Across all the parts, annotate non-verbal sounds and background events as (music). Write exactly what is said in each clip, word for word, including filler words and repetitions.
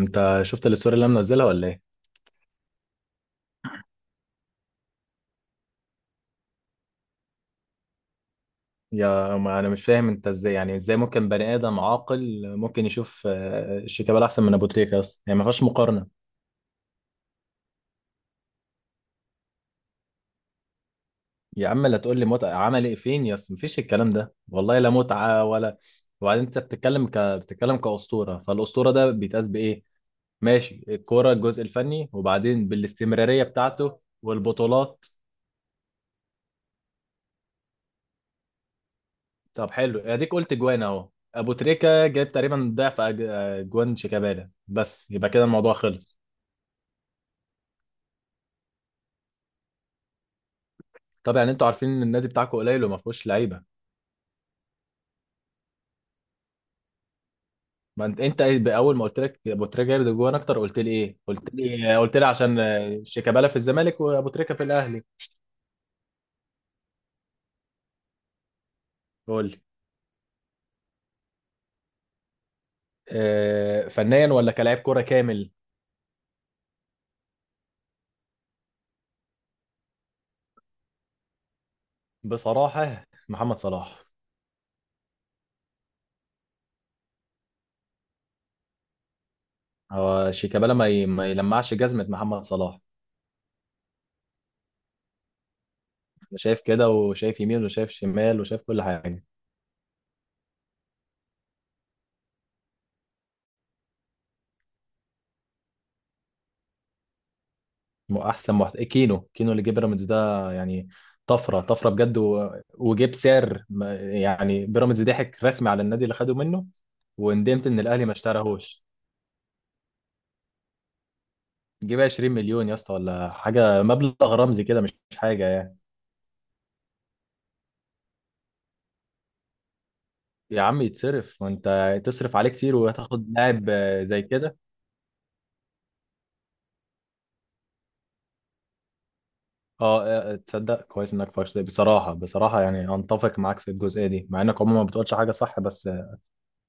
انت شفت الصورة اللي انا منزلها ولا ايه؟ يا ما انا مش فاهم انت ازاي، يعني ازاي ممكن بني ادم عاقل ممكن يشوف آه، الشيكابالا احسن من ابو تريكة؟ اصلا يعني ما فيهاش مقارنة. يا عم لا تقول لي متعة، عمل ايه فين يا اسطى؟ مفيش الكلام ده والله، لا متعة ولا. وبعدين انت بتتكلم ك... بتتكلم كأسطورة، فالأسطورة ده بيتقاس بايه؟ ماشي، الكورة، الجزء الفني، وبعدين بالاستمرارية بتاعته والبطولات. طب حلو، اديك قلت جوان اهو. ابو تريكة جايب تقريبا ضعف أج- آه، جوان شيكابالا، بس يبقى كده الموضوع خلص. طب يعني انتوا عارفين ان النادي بتاعكم قليل وما فيهوش لعيبه. ما انت انت ايه- اول ما قلت لك ابو تريكه جايب جوان اكتر قلت لي ايه، قلت لي قلت لي عشان آه، شيكابالا في الزمالك وابو تريكه في الاهلي. قول لي. آه، فنيا ولا كلاعب كوره كامل؟ بصراحه محمد صلاح. هو شيكابالا ما ي- ما يلمعش جزمه محمد صلاح. انا شايف كده، وشايف يمين، وشايف شمال، وشايف كل حاجه. م- احسن محت... كينو كينو اللي جه بيراميدز ده يعني. طفره طفره بجد و... وجه بسعر ما- يعني بيراميدز ضحك رسمي على النادي اللي خده منه، وندمت ان الاهلي ما اشتراهوش. جيب عشرين مليون يا اسطى، ولا حاجه، مبلغ رمزي كده، مش مش حاجه يعني. يا عم يتصرف، وانت تصرف عليه كتير وهتاخد لاعب آه، زي كده. اه آه، آه، تصدق كويس انك فرشت بصراحه، بصراحه يعني انتفق معاك في الجزئيه دي، مع انك عموما ما بتقولش حاجه صح، بس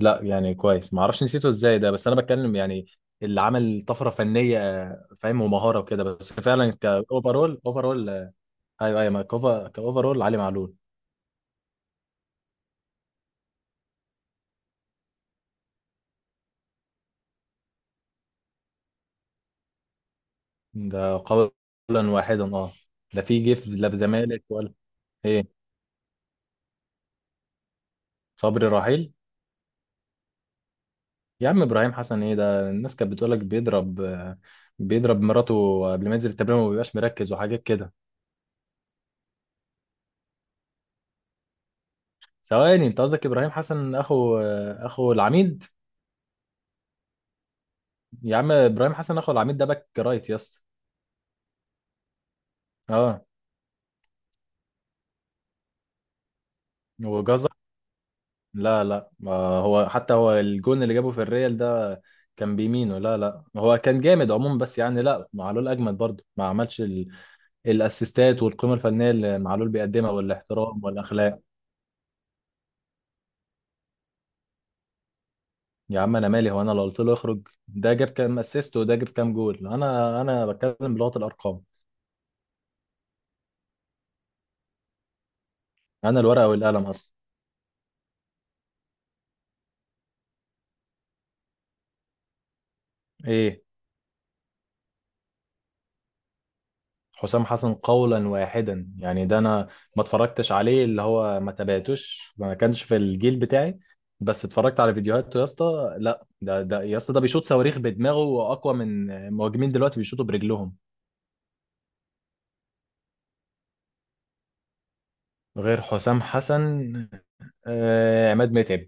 لا يعني كويس، ما اعرفش نسيته ازاي ده، بس انا بتكلم يعني اللي عمل طفره فنيه، فاهم، ومهاره وكده، بس فعلا كاوفرول اوفرول. ايوه ايوه، ما كوفا كاوفرول علي معلول. ده قولا واحدا اه. ده في جيف، لا بزمالك ولا. ايه؟ صبري رحيل. يا عم ابراهيم حسن ايه ده؟ الناس كانت بتقولك بيضرب آه، بيضرب مراته قبل ما ينزل التمرين، وما بيبقاش مركز وحاجات كده. ثواني، انت قصدك ابراهيم حسن اخو آه، اخو العميد؟ يا عم ابراهيم حسن اخو العميد ده باك رايت يا اسطى. اه. هو جزر؟ لا لا، ما هو حتى هو الجون اللي جابه في الريال ده كان بيمينه. لا لا، هو كان جامد عموما، بس يعني لا، معلول اجمد برضه، ما عملش ال... الاسيستات والقيمه الفنيه اللي معلول بيقدمها، والاحترام والاخلاق. يا عم انا مالي، هو انا لو قلت له اخرج ده جاب كام اسيست وده جاب كام جول؟ انا انا بتكلم بلغه الارقام. انا الورقه والقلم اصلا. ايه؟ حسام حسن قولا واحدا، يعني ده انا ما اتفرجتش عليه، اللي هو ما تابعتوش، ما كانش في الجيل بتاعي، بس اتفرجت على فيديوهاته يا اسطى. لا ده ده يا اسطى ده بيشوط صواريخ بدماغه، واقوى من مهاجمين دلوقتي بيشوطوا برجلهم. غير حسام حسن آه عماد متعب.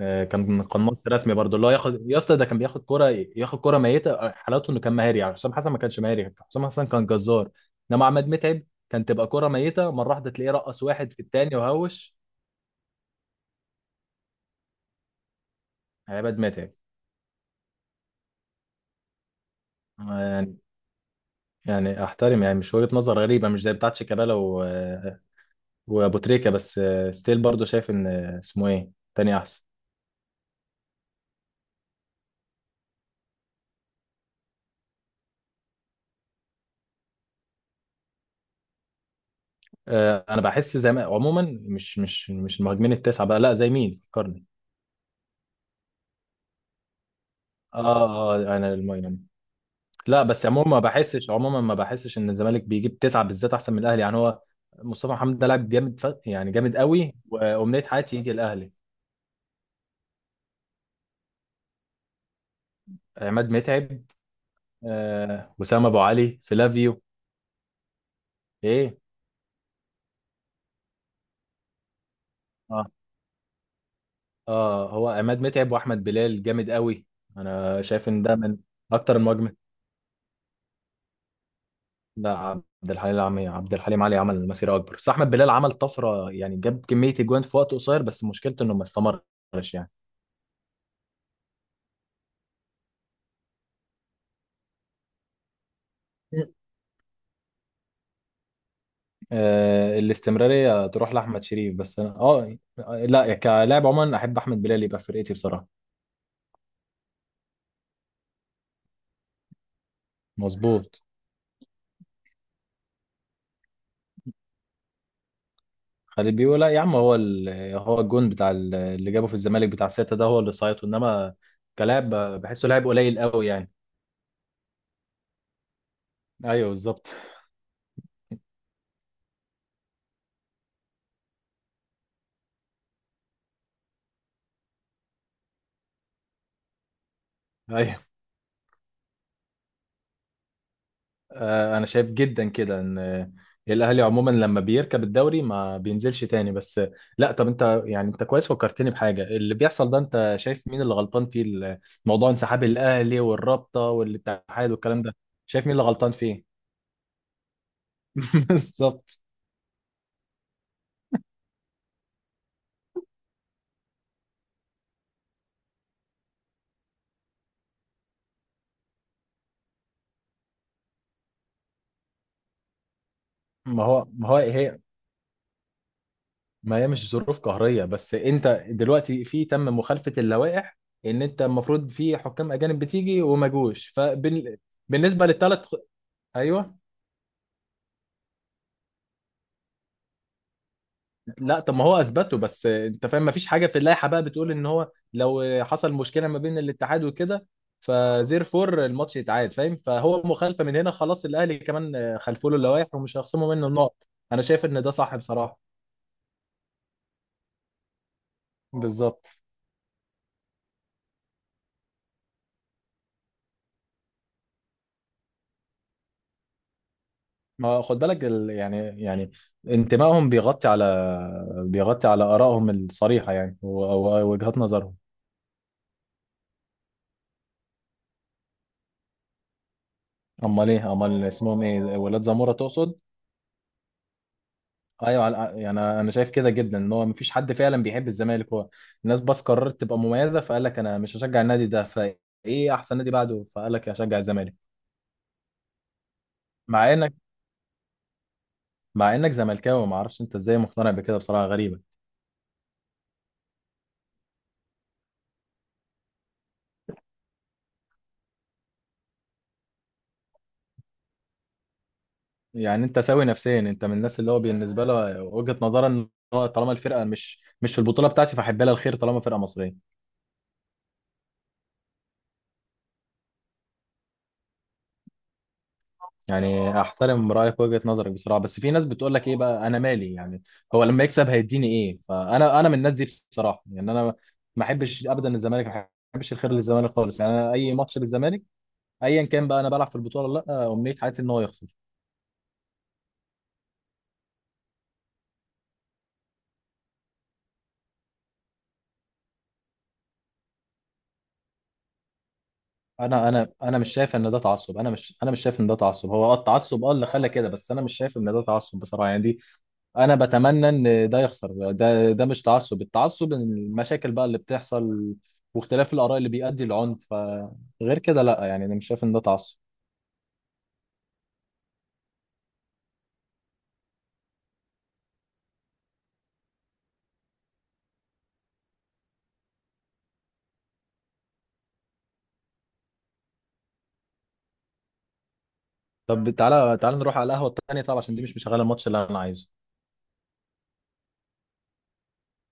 آه كان قناص رسمي برضه، اللي هو ياخد يا اسطى ده كان بياخد كرة، ياخد كرة ميتة، حالته انه كان مهاري. يعني حسام حسن ما كانش مهاري، حسام حسن كان جزار، انما عماد متعب كان تبقى كرة ميتة مرة واحدة تلاقيه رقص واحد في التاني وهوش. عماد متعب. آه، يعني، يعني احترم، يعني مش وجهة نظر غريبة مش زي بتاعت شيكابالا و... وابو تريكة، بس آه، ستيل برضو شايف ان آه، اسمه ايه تاني احسن. آه، انا بحس زي ما عموما مش مش مش المهاجمين التسعة بقى، لا زي مين فكرني. اه اه انا المهم. لا بس عموما ما بحسش عموما ما بحسش ان الزمالك بيجيب تسعة بالذات احسن من الاهلي. يعني هو مصطفى محمد ده لاعب جامد، ف... يعني جامد قوي وامنية حياتي يجي الاهلي. عماد متعب آه، وسام ابو علي، فلافيو. ايه؟ آه، اه هو عماد متعب واحمد بلال جامد قوي، انا شايف ان ده من اكتر المواجمه. لا عبد الحليم علي عبد الحليم علي عمل مسيره اكبر، بس احمد بلال عمل طفره، يعني جاب كميه اجوان في وقت قصير، بس مشكلته انه ما استمرش يعني. آه الاستمراريه تروح لاحمد شريف، بس انا اه، لا كلاعب عموما احب احمد بلال يبقى في فرقتي بصراحه. مظبوط. خالد بيقول لا يا عم، هو ال... هو الجون بتاع ال- اللي جابه في الزمالك بتاع سته، ده هو اللي صايته، انما كلاعب بحسه لاعب قليل قوي يعني. ايوه بالظبط. ايوه. آه، انا شايف جدا كده ان آه، الاهلي عموما لما بيركب الدوري ما بينزلش تاني، بس آه، لا طب انت، يعني انت كويس فكرتني بحاجه. اللي بيحصل ده، انت شايف مين اللي غلطان فيه، ال- موضوع انسحاب الاهلي والرابطه والاتحاد والكلام ده؟ شايف مين اللي غلطان فيه؟ (laughs) بالظبط. ما هو ما هو هي، ما هي مش ظروف قهريه، بس انت دلوقتي في تم مخالفه اللوائح، ان انت المفروض في حكام اجانب بتيجي وما جوش، فبالنسبه للثلاث. ايوه. لا طب ما هو اثبته، بس انت فاهم ما فيش حاجه في اللائحه بقى بتقول ان هو لو حصل مشكله ما بين الاتحاد وكده، فزير فور الماتش يتعاد، فاهم؟ فهو مخالفه من هنا. خلاص الاهلي كمان خلفوا له اللوائح ومش هيخصموا منه النقط. انا شايف ان ده صح بصراحه. بالظبط. ما خد بالك ال... يعني يعني انتمائهم بيغطي على بيغطي على ارائهم الصريحه، يعني و- ووجهات نظرهم. امال ايه، امال اسمهم ايه، ولاد زموره تقصد؟ ايوه. على- يعني انا شايف كده جدا ان هو مفيش حد فعلا بيحب الزمالك، هو الناس بس قررت تبقى مميزه، فقال لك انا مش هشجع النادي ده، فايه احسن نادي بعده؟ فقال لك هشجع الزمالك. مع انك مع انك زملكاوي، ما اعرفش انت ازاي مقتنع بكده بصراحه، غريبه. يعني انت سوي نفسيا؟ انت من الناس اللي هو بالنسبه له وجهه نظرا ان هو طالما الفرقه مش مش في البطوله بتاعتي فاحب لها الخير طالما فرقه مصريه. يعني احترم رايك وجهة نظرك بصراحه، بس في ناس بتقول لك ايه بقى انا مالي، يعني هو لما يكسب هيديني ايه؟ فانا انا من الناس دي بصراحه، يعني انا ما احبش ابدا الزمالك، ما احبش الخير للزمالك خالص. يعني انا اي ماتش للزمالك ايا كان، بقى انا بلعب في البطوله ولا لا، امنيه حياتي ان هو يخسر. انا انا انا مش شايف ان ده تعصب، انا مش انا مش شايف ان ده تعصب. هو اه التعصب اه اللي خلى كده، بس انا مش شايف ان ده تعصب بصراحه، يعني دي، انا بتمنى ان ده يخسر، ده ده مش تعصب. التعصب ان المشاكل بقى اللي بتحصل واختلاف الاراء اللي بيؤدي لعنف، فغير كده لا، يعني انا مش شايف ان ده تعصب. طب تعالى تعالى نروح على القهوه التانيه، طب عشان دي مش مشغله، الماتش اللي انا عايزه.